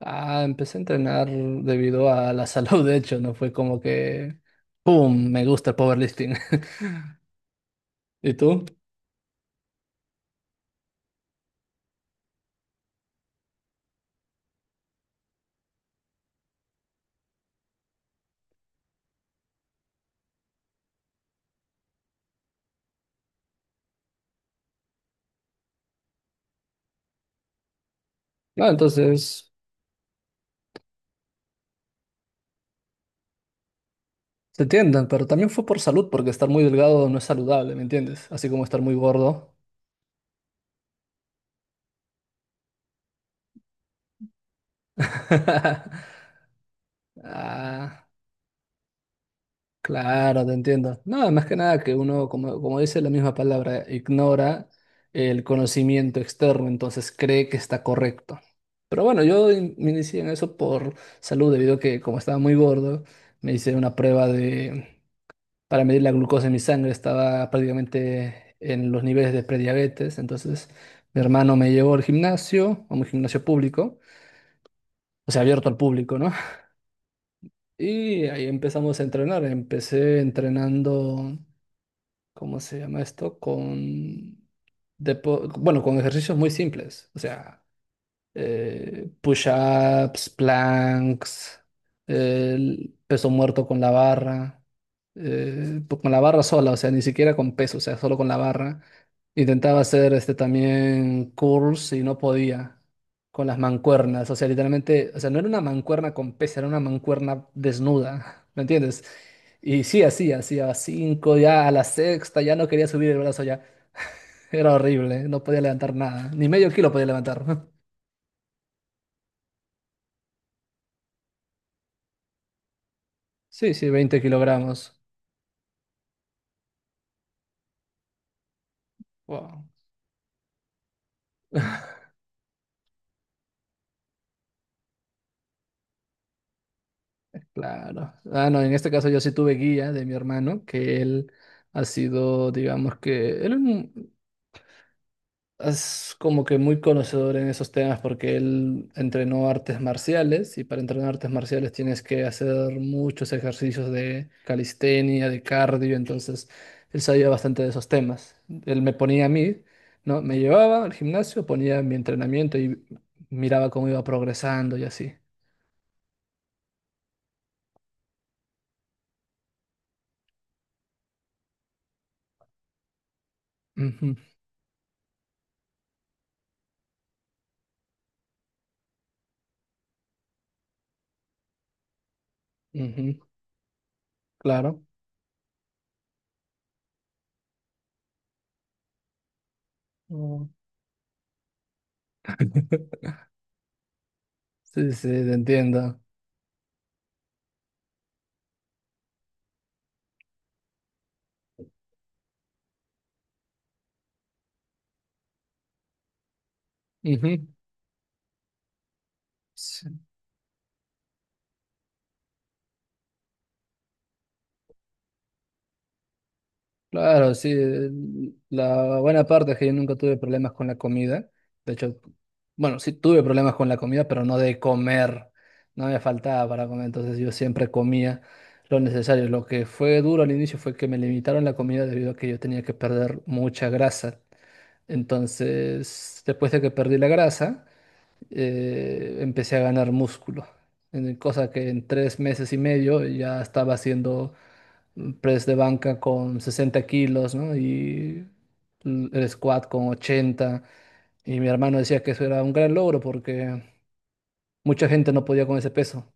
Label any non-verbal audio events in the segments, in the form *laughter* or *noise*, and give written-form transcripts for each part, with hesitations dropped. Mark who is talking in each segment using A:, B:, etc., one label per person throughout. A: Ah, empecé a entrenar debido a la *laughs* salud, de hecho, no fue como que, ¡pum!, me gusta el powerlifting. *laughs* ¿Y tú? No, entonces, te entienden, pero también fue por salud, porque estar muy delgado no es saludable, ¿me entiendes? Así como estar muy gordo. *laughs* Ah, claro, te entiendo. No, más que nada que uno, como dice la misma palabra, ignora el conocimiento externo, entonces cree que está correcto. Pero bueno, yo me inicié en eso por salud, debido a que como estaba muy gordo, me hice una prueba de, para medir la glucosa en mi sangre, estaba prácticamente en los niveles de prediabetes, entonces mi hermano me llevó al gimnasio, a un gimnasio público, o sea, abierto al público, ¿no? *laughs* Y ahí empezamos a entrenar, empecé entrenando. ¿Cómo se llama esto? Bueno, con ejercicios muy simples. O sea, push-ups, planks, el peso muerto con la barra, con la barra sola, o sea, ni siquiera con peso, o sea, solo con la barra. Intentaba hacer este también curls y no podía con las mancuernas, o sea, literalmente, o sea, no era una mancuerna con peso, era una mancuerna desnuda, ¿me entiendes? Y sí, así, hacía cinco, ya a la sexta, ya no quería subir el brazo ya. Era horrible, no podía levantar nada, ni medio kilo podía levantar. *laughs* Sí, sí, 20 kilogramos. Wow, claro. Ah, no, en este caso yo sí tuve guía de mi hermano, que él ha sido, digamos que, él es como que muy conocedor en esos temas porque él entrenó artes marciales y para entrenar artes marciales tienes que hacer muchos ejercicios de calistenia, de cardio, entonces él sabía bastante de esos temas. Él me ponía a mí, ¿no? Me llevaba al gimnasio, ponía mi entrenamiento y miraba cómo iba progresando y así. Ujú. Ujú, claro. Mm. *laughs* Sí, sí, te entiendo. Ujú. Sí, claro, sí. La buena parte es que yo nunca tuve problemas con la comida. De hecho, bueno, sí tuve problemas con la comida, pero no de comer. No me faltaba para comer, entonces yo siempre comía lo necesario. Lo que fue duro al inicio fue que me limitaron la comida debido a que yo tenía que perder mucha grasa. Entonces, después de que perdí la grasa, empecé a ganar músculo, cosa que en 3 meses y medio ya estaba haciendo press de banca con 60 kilos, ¿no? Y el squat con 80. Y mi hermano decía que eso era un gran logro porque mucha gente no podía con ese peso,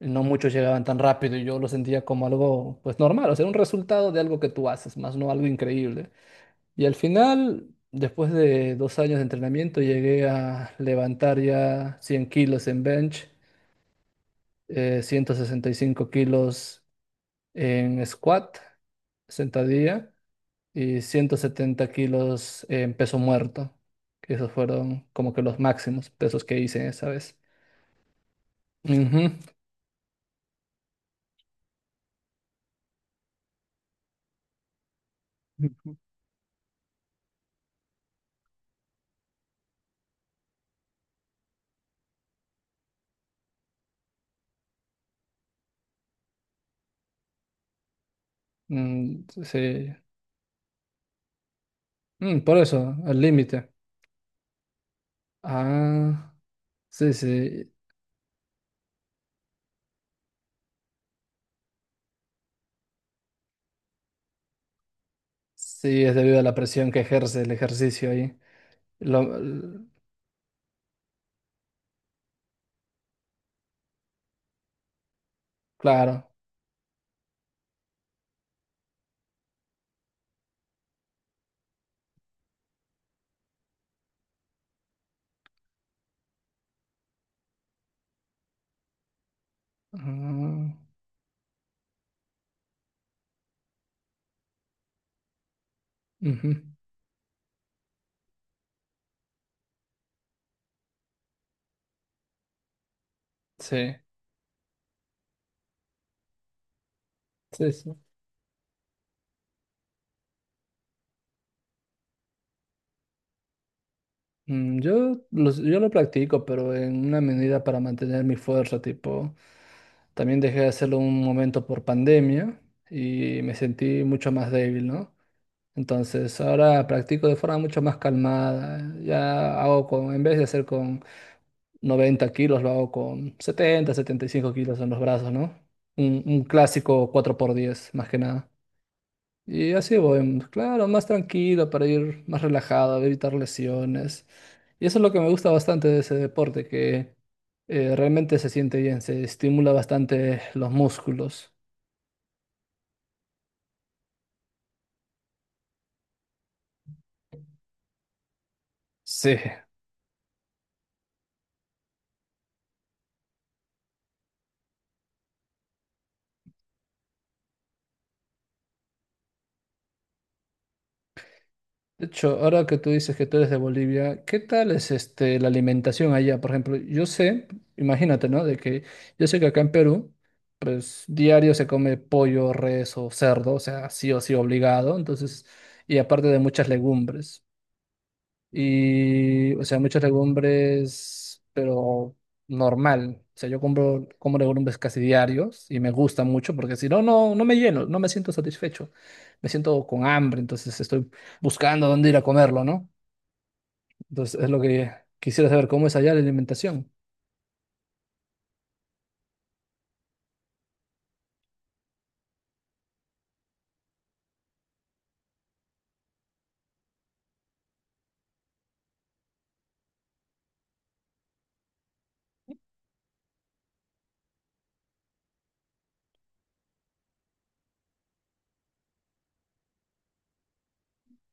A: y no muchos llegaban tan rápido y yo lo sentía como algo pues normal, o sea, un resultado de algo que tú haces, más no algo increíble. Y al final, después de 2 años de entrenamiento, llegué a levantar ya 100 kilos en bench 165 kilos en squat, sentadilla, y 170 kilos en peso muerto. Que Esos fueron como que los máximos pesos que hice esa vez. Ujú, mm, sí. Mm, por eso, al límite. Ah, sí, sí. Sí, es debido a la presión que ejerce el ejercicio ahí. Lo- l- claro. Ah, ujú, sí, sí, sí. Mm, yo lo practico, pero en una medida para mantener mi fuerza, tipo, también dejé de hacerlo un momento por pandemia y me sentí mucho más débil, ¿no? Entonces ahora practico de forma mucho más calmada, ya hago con, en vez de hacer con 90 kilos, lo hago con setenta setenta y cinco kilos en los brazos, ¿no? Un clásico cuatro por diez más que nada. Y así voy, claro, más tranquilo para ir más relajado, evitar lesiones. Y eso es lo que me gusta bastante de ese deporte, que realmente se siente bien, se estimula bastante los músculos. Sí. De hecho, ahora que tú dices que tú eres de Bolivia, ¿Qué tal es este, la alimentación allá? Por ejemplo, yo sé, imagínate, ¿no? De que yo sé que acá en Perú, pues diario se come pollo, res o cerdo, o sea, sí o sí obligado, entonces, y aparte de muchas legumbres. Y, o sea, muchos legumbres, pero normal. O sea, yo compro, como legumbres casi diarios y me gusta mucho porque si no, no, no me lleno, no me siento satisfecho. Me siento con hambre, entonces estoy buscando dónde ir a comerlo, ¿no? Entonces es lo que quisiera saber, ¿cómo es allá la alimentación?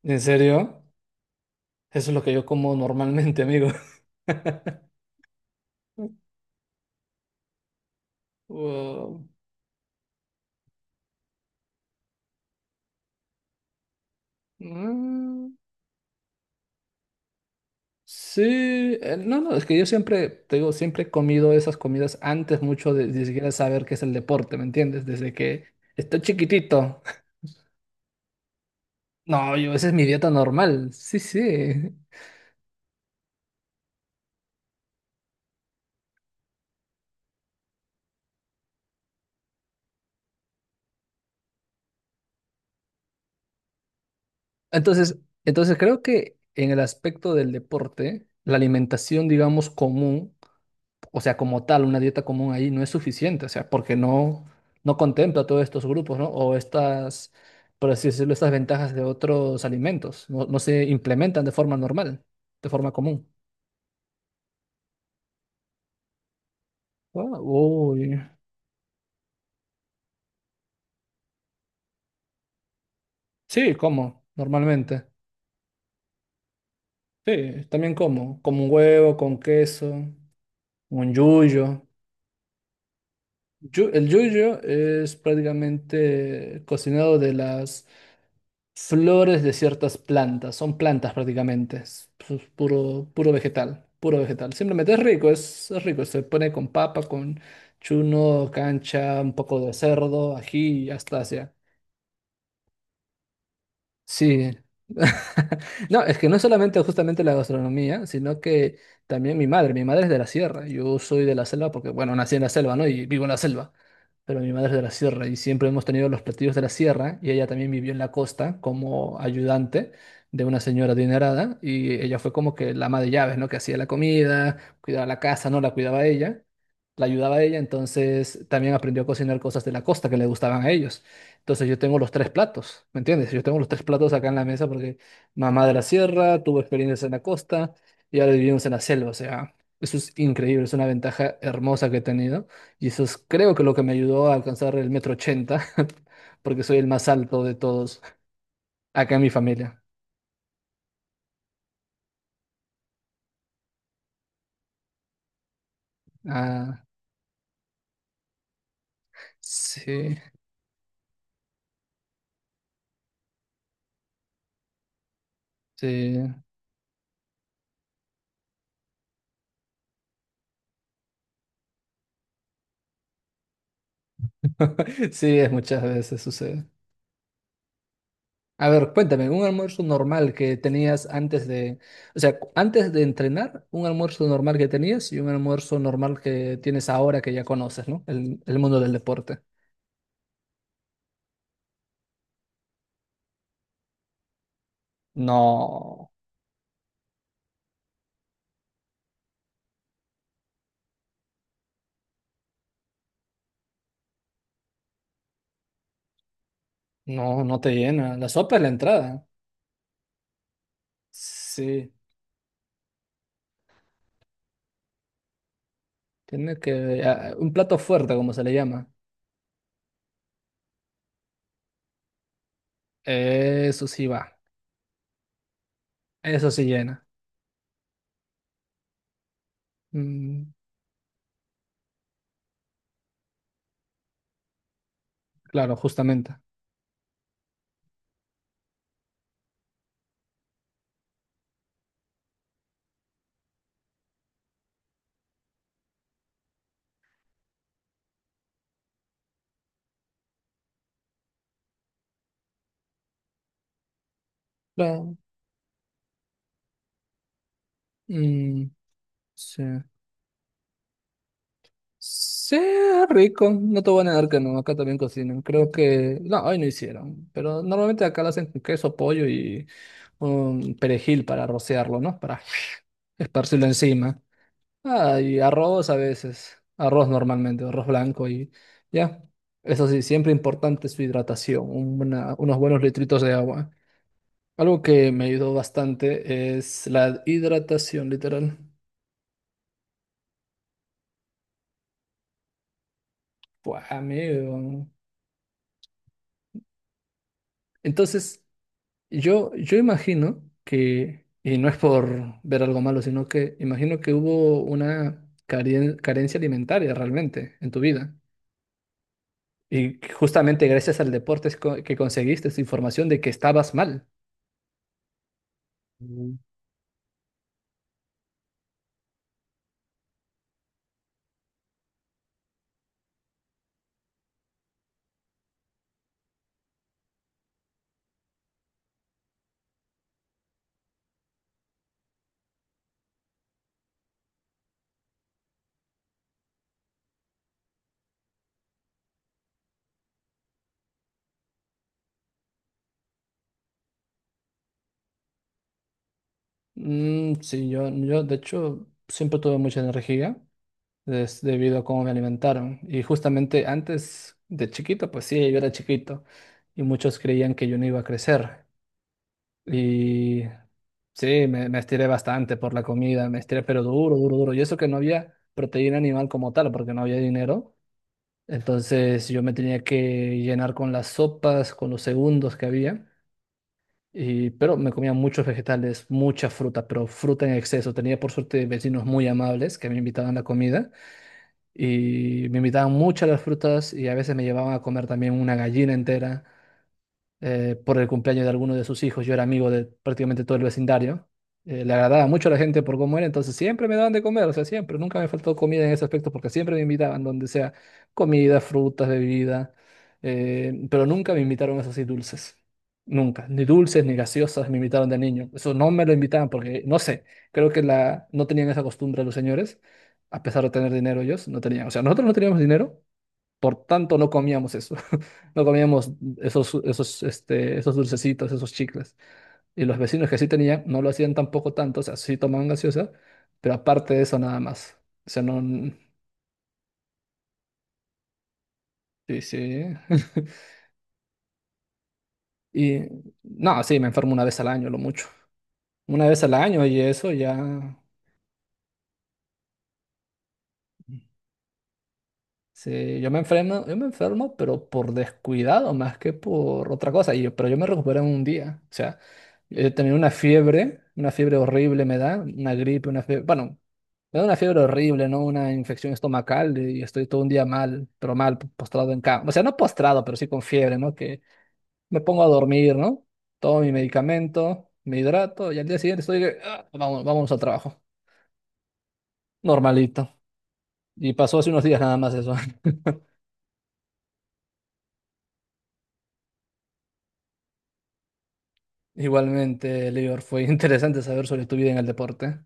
A: ¿En serio? Eso es lo que yo como normalmente, amigo. *laughs* Wow. Mm. Sí, no, no, es que yo siempre, te digo, siempre he comido esas comidas antes mucho de ni siquiera saber qué es el deporte, ¿me entiendes? Desde que estoy chiquitito. *laughs* No, yo, esa es mi dieta normal. Sí, sí. Entonces, entonces, creo que en el aspecto del deporte, la alimentación, digamos, común o sea, como tal, una dieta común ahí no es suficiente, o sea, porque no, no contempla todos estos grupos, ¿no? O estas, por así decirlo, estas ventajas de otros alimentos, no, no se implementan de forma normal, de forma común. Ah, uy. Sí, como, normalmente. Sí, también como, como un huevo, con queso, un yuyo. El yuyo es prácticamente cocinado de las flores de ciertas plantas, son plantas prácticamente, es puro, puro vegetal, puro vegetal. Simplemente es rico, es rico, se pone con papa, con chuno, cancha, un poco de cerdo, ají y hasta así. Sí. *laughs* No, es que no solamente justamente la gastronomía, sino que también mi madre. Mi madre es de la sierra. Yo soy de la selva porque, bueno, nací en la selva, ¿no? Y vivo en la selva. Pero mi madre es de la sierra y siempre hemos tenido los platillos de la sierra y ella también vivió en la costa como ayudante de una señora adinerada y ella fue como que la ama de llaves, ¿no? Que hacía la comida, cuidaba la casa, ¿no? La cuidaba ella, la ayudaba a ella, entonces también aprendió a cocinar cosas de la costa que le gustaban a ellos. Entonces yo tengo los tres platos, ¿me entiendes? Yo tengo los tres platos acá en la mesa porque mamá de la sierra, tuvo experiencias en la costa y ahora vivimos en la selva, o sea, eso es increíble, es una ventaja hermosa que he tenido y eso es creo que lo que me ayudó a alcanzar el metro ochenta *laughs* porque soy el más alto de todos acá en mi familia. Ah, sí, sí, *laughs* sí, es muchas veces sucede. A ver, cuéntame, un almuerzo normal que tenías antes de, o sea, antes de entrenar, un almuerzo normal que tenías y un almuerzo normal que tienes ahora que ya conoces, ¿no? El mundo del deporte. No, no, no te llena. La sopa es la entrada. Sí, tiene que, ah, un plato fuerte, como se le llama. Eso sí va, eso sí llena. Mm, claro, justamente. Claro. Mm, sí. Sí, es rico, no te voy a negar que no, acá también cocinan. Creo que, no, hoy no hicieron, pero normalmente acá lo hacen con queso, pollo y un perejil para rociarlo, ¿no? Para *sniffs* esparcirlo encima. Ah, y arroz a veces, arroz normalmente, arroz blanco y ya. Eso sí, siempre importante su hidratación, unos buenos litritos de agua. Algo que me ayudó bastante es la hidratación, literal. Buah, amigo. Entonces. Yo imagino que, y no es por ver algo malo, sino que imagino que hubo una carencia alimentaria realmente en tu vida. Y justamente gracias al deporte que conseguiste esa información de que estabas mal. Mm. Mm, sí, yo de hecho siempre tuve mucha energía es debido a cómo me alimentaron. Y justamente antes de chiquito, pues sí, yo era chiquito y muchos creían que yo no iba a crecer. Y sí, me estiré bastante por la comida, me estiré, pero duro, duro, duro. Y eso que no había proteína animal como tal, porque no había dinero. Entonces yo me tenía que llenar con las sopas, con los segundos que había. Pero me comía muchos vegetales, mucha fruta, pero fruta en exceso. Tenía por suerte vecinos muy amables que me invitaban a la comida y me invitaban muchas las frutas y a veces me llevaban a comer también una gallina entera por el cumpleaños de alguno de sus hijos. Yo era amigo de prácticamente todo el vecindario. Le agradaba mucho a la gente por cómo era, entonces siempre me daban de comer, o sea, siempre, nunca me faltó comida en ese aspecto porque siempre me invitaban, donde sea comida, frutas, bebida, pero nunca me invitaron eso así dulces. Nunca, ni dulces ni gaseosas me invitaron de niño. Eso no me lo invitaban porque, no sé, creo que no tenían esa costumbre los señores, a pesar de tener dinero ellos, no tenían. O sea, nosotros no teníamos dinero, por tanto, no comíamos eso. *laughs* No comíamos esos dulcecitos, esos chicles. Y los vecinos que sí tenían, no lo hacían tampoco tanto. O sea, sí tomaban gaseosa, pero aparte de eso, nada más. O sea, no. Sí, sí. *laughs* Y no, sí, me enfermo una vez al año, lo mucho. Una vez al año y eso ya. Sí, yo me enfermo, pero por descuidado más que por otra cosa. Pero yo me recuperé en un día. O sea, yo tenía una fiebre horrible me da, una gripe, una fiebre, bueno, me da una fiebre horrible, ¿no? Una infección estomacal y estoy todo un día mal, pero mal, postrado en cama. O sea, no postrado, pero sí con fiebre, ¿no? Que me pongo a dormir, ¿no? Tomo mi medicamento, me hidrato y al día siguiente estoy, que, "Ah, vamos, vamos al trabajo. Normalito." Y pasó hace unos días nada más eso. Igualmente, Lior, fue *laughs* interesante saber sobre tu vida en el deporte.